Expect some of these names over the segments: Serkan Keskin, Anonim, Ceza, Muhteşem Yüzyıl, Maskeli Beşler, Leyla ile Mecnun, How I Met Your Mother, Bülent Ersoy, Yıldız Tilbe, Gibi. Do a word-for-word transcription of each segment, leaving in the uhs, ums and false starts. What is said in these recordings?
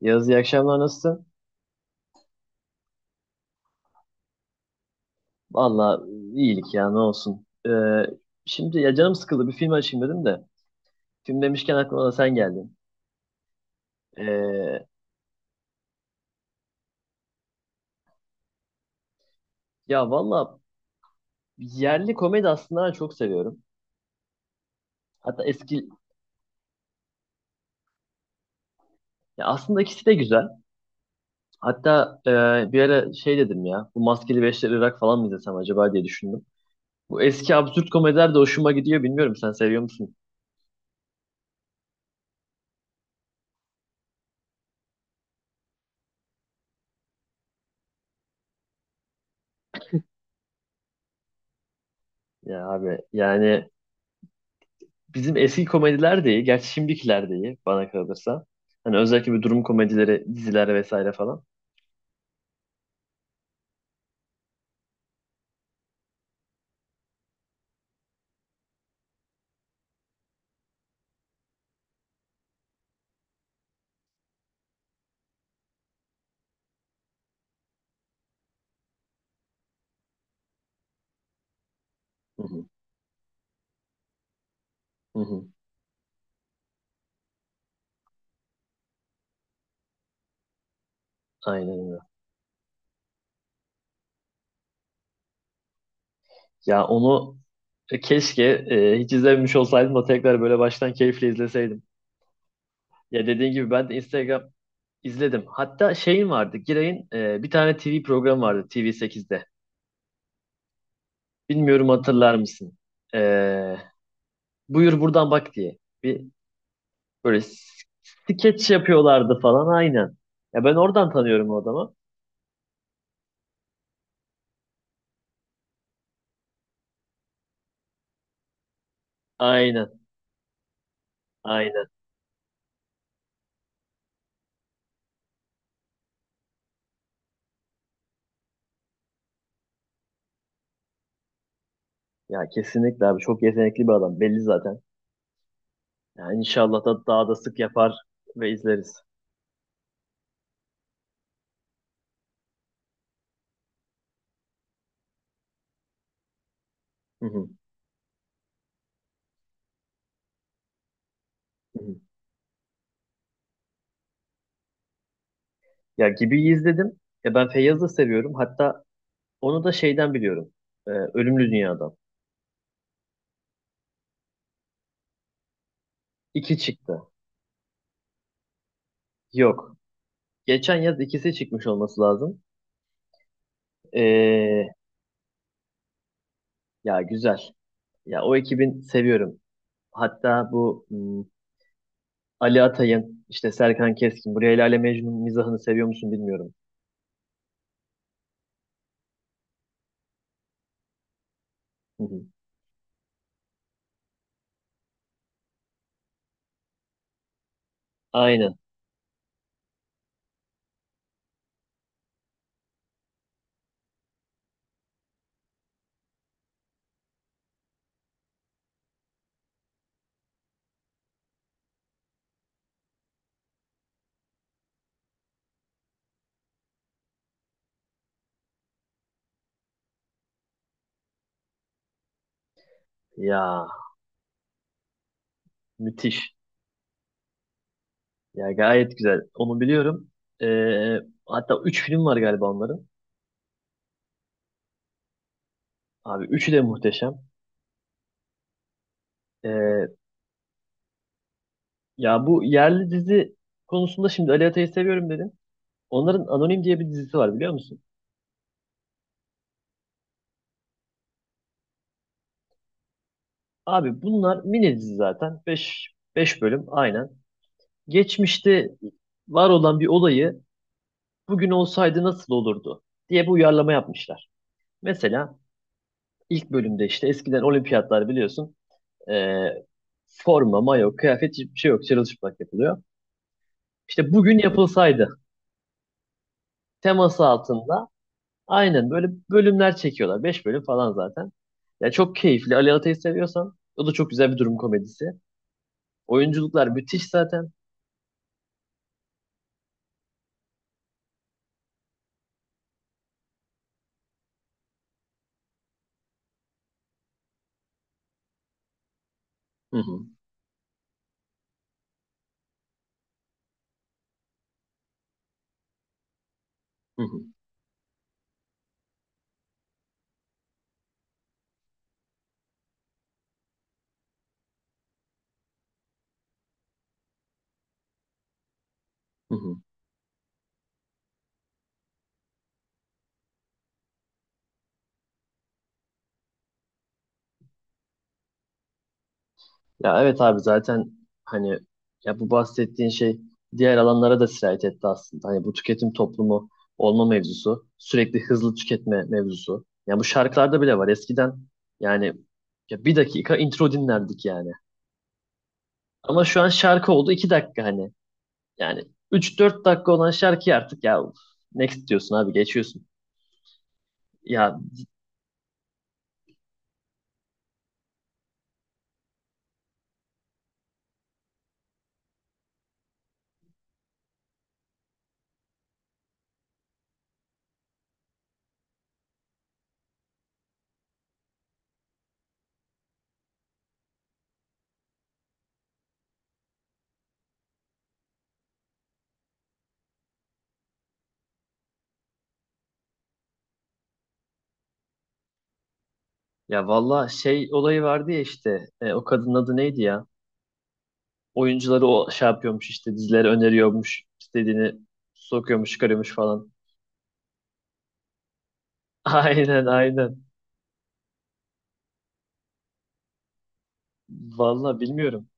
Yaz, iyi akşamlar, nasılsın? Valla iyilik ya, ne olsun. Ee, şimdi ya canım sıkıldı, bir film açayım dedim de. Film demişken aklıma da sen geldin. Ee, ya Valla yerli komedi aslında ben çok seviyorum. Hatta eski ya aslında ikisi de güzel. Hatta e, bir ara şey dedim ya, bu Maskeli Beşler Irak falan mı izlesem acaba diye düşündüm. Bu eski absürt komediler de hoşuma gidiyor, bilmiyorum, sen seviyor musun? Ya abi yani bizim eski komediler de iyi. Gerçi şimdikiler de iyi bana kalırsa. Hani özellikle bir durum komedileri, diziler vesaire falan. Hı hı, hı hı. Aynen öyle. Ya onu e, keşke e, hiç izlememiş olsaydım da tekrar böyle baştan keyifle izleseydim. Ya dediğin gibi ben de Instagram izledim. Hatta şeyin vardı. Giray'ın e, bir tane T V programı vardı T V sekizde. Bilmiyorum, hatırlar mısın? E, Buyur buradan bak diye. Bir böyle s- skeç yapıyorlardı falan, aynen. Ya ben oradan tanıyorum o adamı. Aynen. Aynen. Ya kesinlikle abi, çok yetenekli bir adam belli zaten. Ya inşallah da daha da sık yapar ve izleriz. Hı hı. Hı hı. Ya Gibi'yi izledim. Ya ben Feyyaz'ı da seviyorum. Hatta onu da şeyden biliyorum. Ee, Ölümlü Dünya'dan. İki çıktı. Yok. Geçen yaz ikisi çıkmış olması lazım. Ee, Ya güzel. Ya o ekibin seviyorum. Hatta bu hmm, Ali Atay'ın, işte Serkan Keskin, bu Leyla ile Mecnun mizahını seviyor musun bilmiyorum. Hı hı. Aynen. Ya müthiş. Ya gayet güzel. Onu biliyorum. Ee, Hatta üç film var galiba onların. Abi üçü de muhteşem. Ee, ya Bu yerli dizi konusunda şimdi Ali Atay'ı seviyorum dedim. Onların Anonim diye bir dizisi var, biliyor musun? Abi bunlar mini dizi zaten. Beş beş bölüm aynen. Geçmişte var olan bir olayı bugün olsaydı nasıl olurdu diye bir uyarlama yapmışlar. Mesela ilk bölümde işte eskiden olimpiyatlar biliyorsun, e, forma, mayo, kıyafet hiçbir şey yok. Çırılçıplak yapılıyor. İşte bugün yapılsaydı teması altında aynen böyle bölümler çekiyorlar. Beş bölüm falan zaten. Ya çok keyifli. Ali Atay'ı seviyorsan o da çok güzel bir durum komedisi. Oyunculuklar müthiş zaten. Hı hı, hı hı, hı hı. Ya evet abi zaten, hani, ya bu bahsettiğin şey diğer alanlara da sirayet etti aslında. Hani bu tüketim toplumu olma mevzusu, sürekli hızlı tüketme mevzusu. Ya bu şarkılarda bile var. Eskiden yani ya bir dakika intro dinlerdik yani. Ama şu an şarkı oldu iki dakika hani. Yani üç dört dakika olan şarkıyı artık ya uf, next diyorsun abi, geçiyorsun. Ya ya valla şey olayı vardı ya işte, e, o kadının adı neydi ya? Oyuncuları o şey yapıyormuş işte, dizileri öneriyormuş, istediğini sokuyormuş çıkarıyormuş falan. Aynen, aynen. Valla bilmiyorum.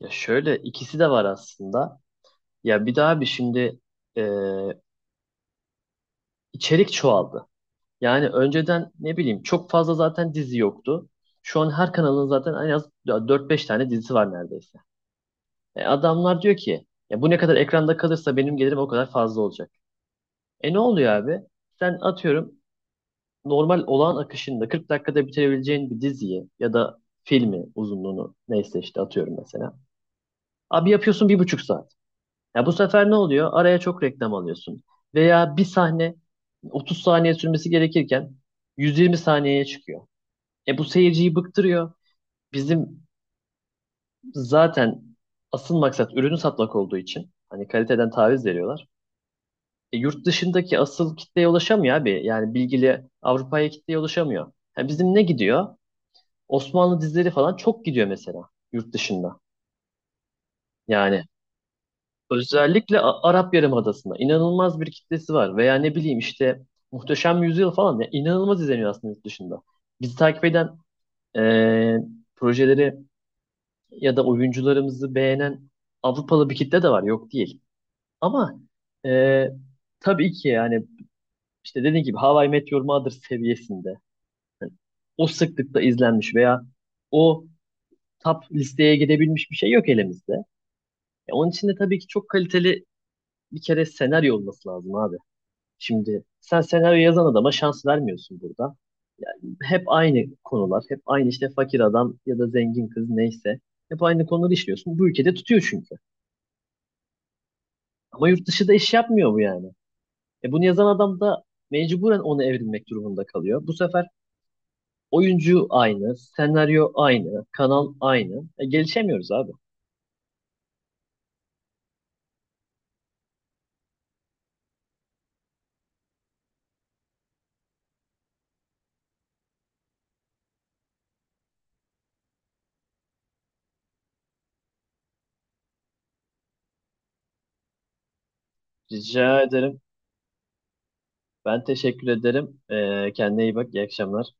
Ya şöyle ikisi de var aslında. Ya bir daha bir şimdi e, içerik çoğaldı. Yani önceden ne bileyim çok fazla zaten dizi yoktu. Şu an her kanalın zaten en az dört beş tane dizisi var neredeyse. E, adamlar diyor ki ya bu ne kadar ekranda kalırsa benim gelirim o kadar fazla olacak. E ne oluyor abi? Sen atıyorum normal olağan akışında kırk dakikada bitirebileceğin bir diziyi ya da filmi, uzunluğunu neyse işte atıyorum mesela. Abi yapıyorsun bir buçuk saat. Ya bu sefer ne oluyor? Araya çok reklam alıyorsun. Veya bir sahne otuz saniye sürmesi gerekirken yüz yirmi saniyeye çıkıyor. E bu seyirciyi bıktırıyor. Bizim zaten asıl maksat ürünü satmak olduğu için hani kaliteden taviz veriyorlar. E, yurt dışındaki asıl kitleye ulaşamıyor abi. Yani bilgili Avrupa'ya kitleye ulaşamıyor. Ha, bizim ne gidiyor? Osmanlı dizileri falan çok gidiyor mesela yurt dışında. Yani özellikle A- Arap Yarımadası'nda inanılmaz bir kitlesi var. Veya ne bileyim işte Muhteşem Yüzyıl falan ya inanılmaz izleniyor aslında yurt dışında. Bizi takip eden eee, projeleri ya da oyuncularımızı beğenen Avrupalı bir kitle de var, yok değil. Ama eee, tabii ki yani işte dediğim gibi How I Met Your Mother seviyesinde hani o sıklıkta izlenmiş veya o top listeye gidebilmiş bir şey yok elimizde. E, onun için de tabii ki çok kaliteli bir kere senaryo olması lazım abi. Şimdi sen senaryo yazan adama şans vermiyorsun burada. Yani hep aynı konular, hep aynı işte fakir adam ya da zengin kız neyse. Hep aynı konuları işliyorsun. Bu ülkede tutuyor çünkü. Ama yurt dışı da iş yapmıyor bu yani. E bunu yazan adam da mecburen ona evrilmek durumunda kalıyor. Bu sefer oyuncu aynı, senaryo aynı, kanal aynı. E, gelişemiyoruz abi. Rica ederim. Ben teşekkür ederim. E, kendine iyi bak. İyi akşamlar.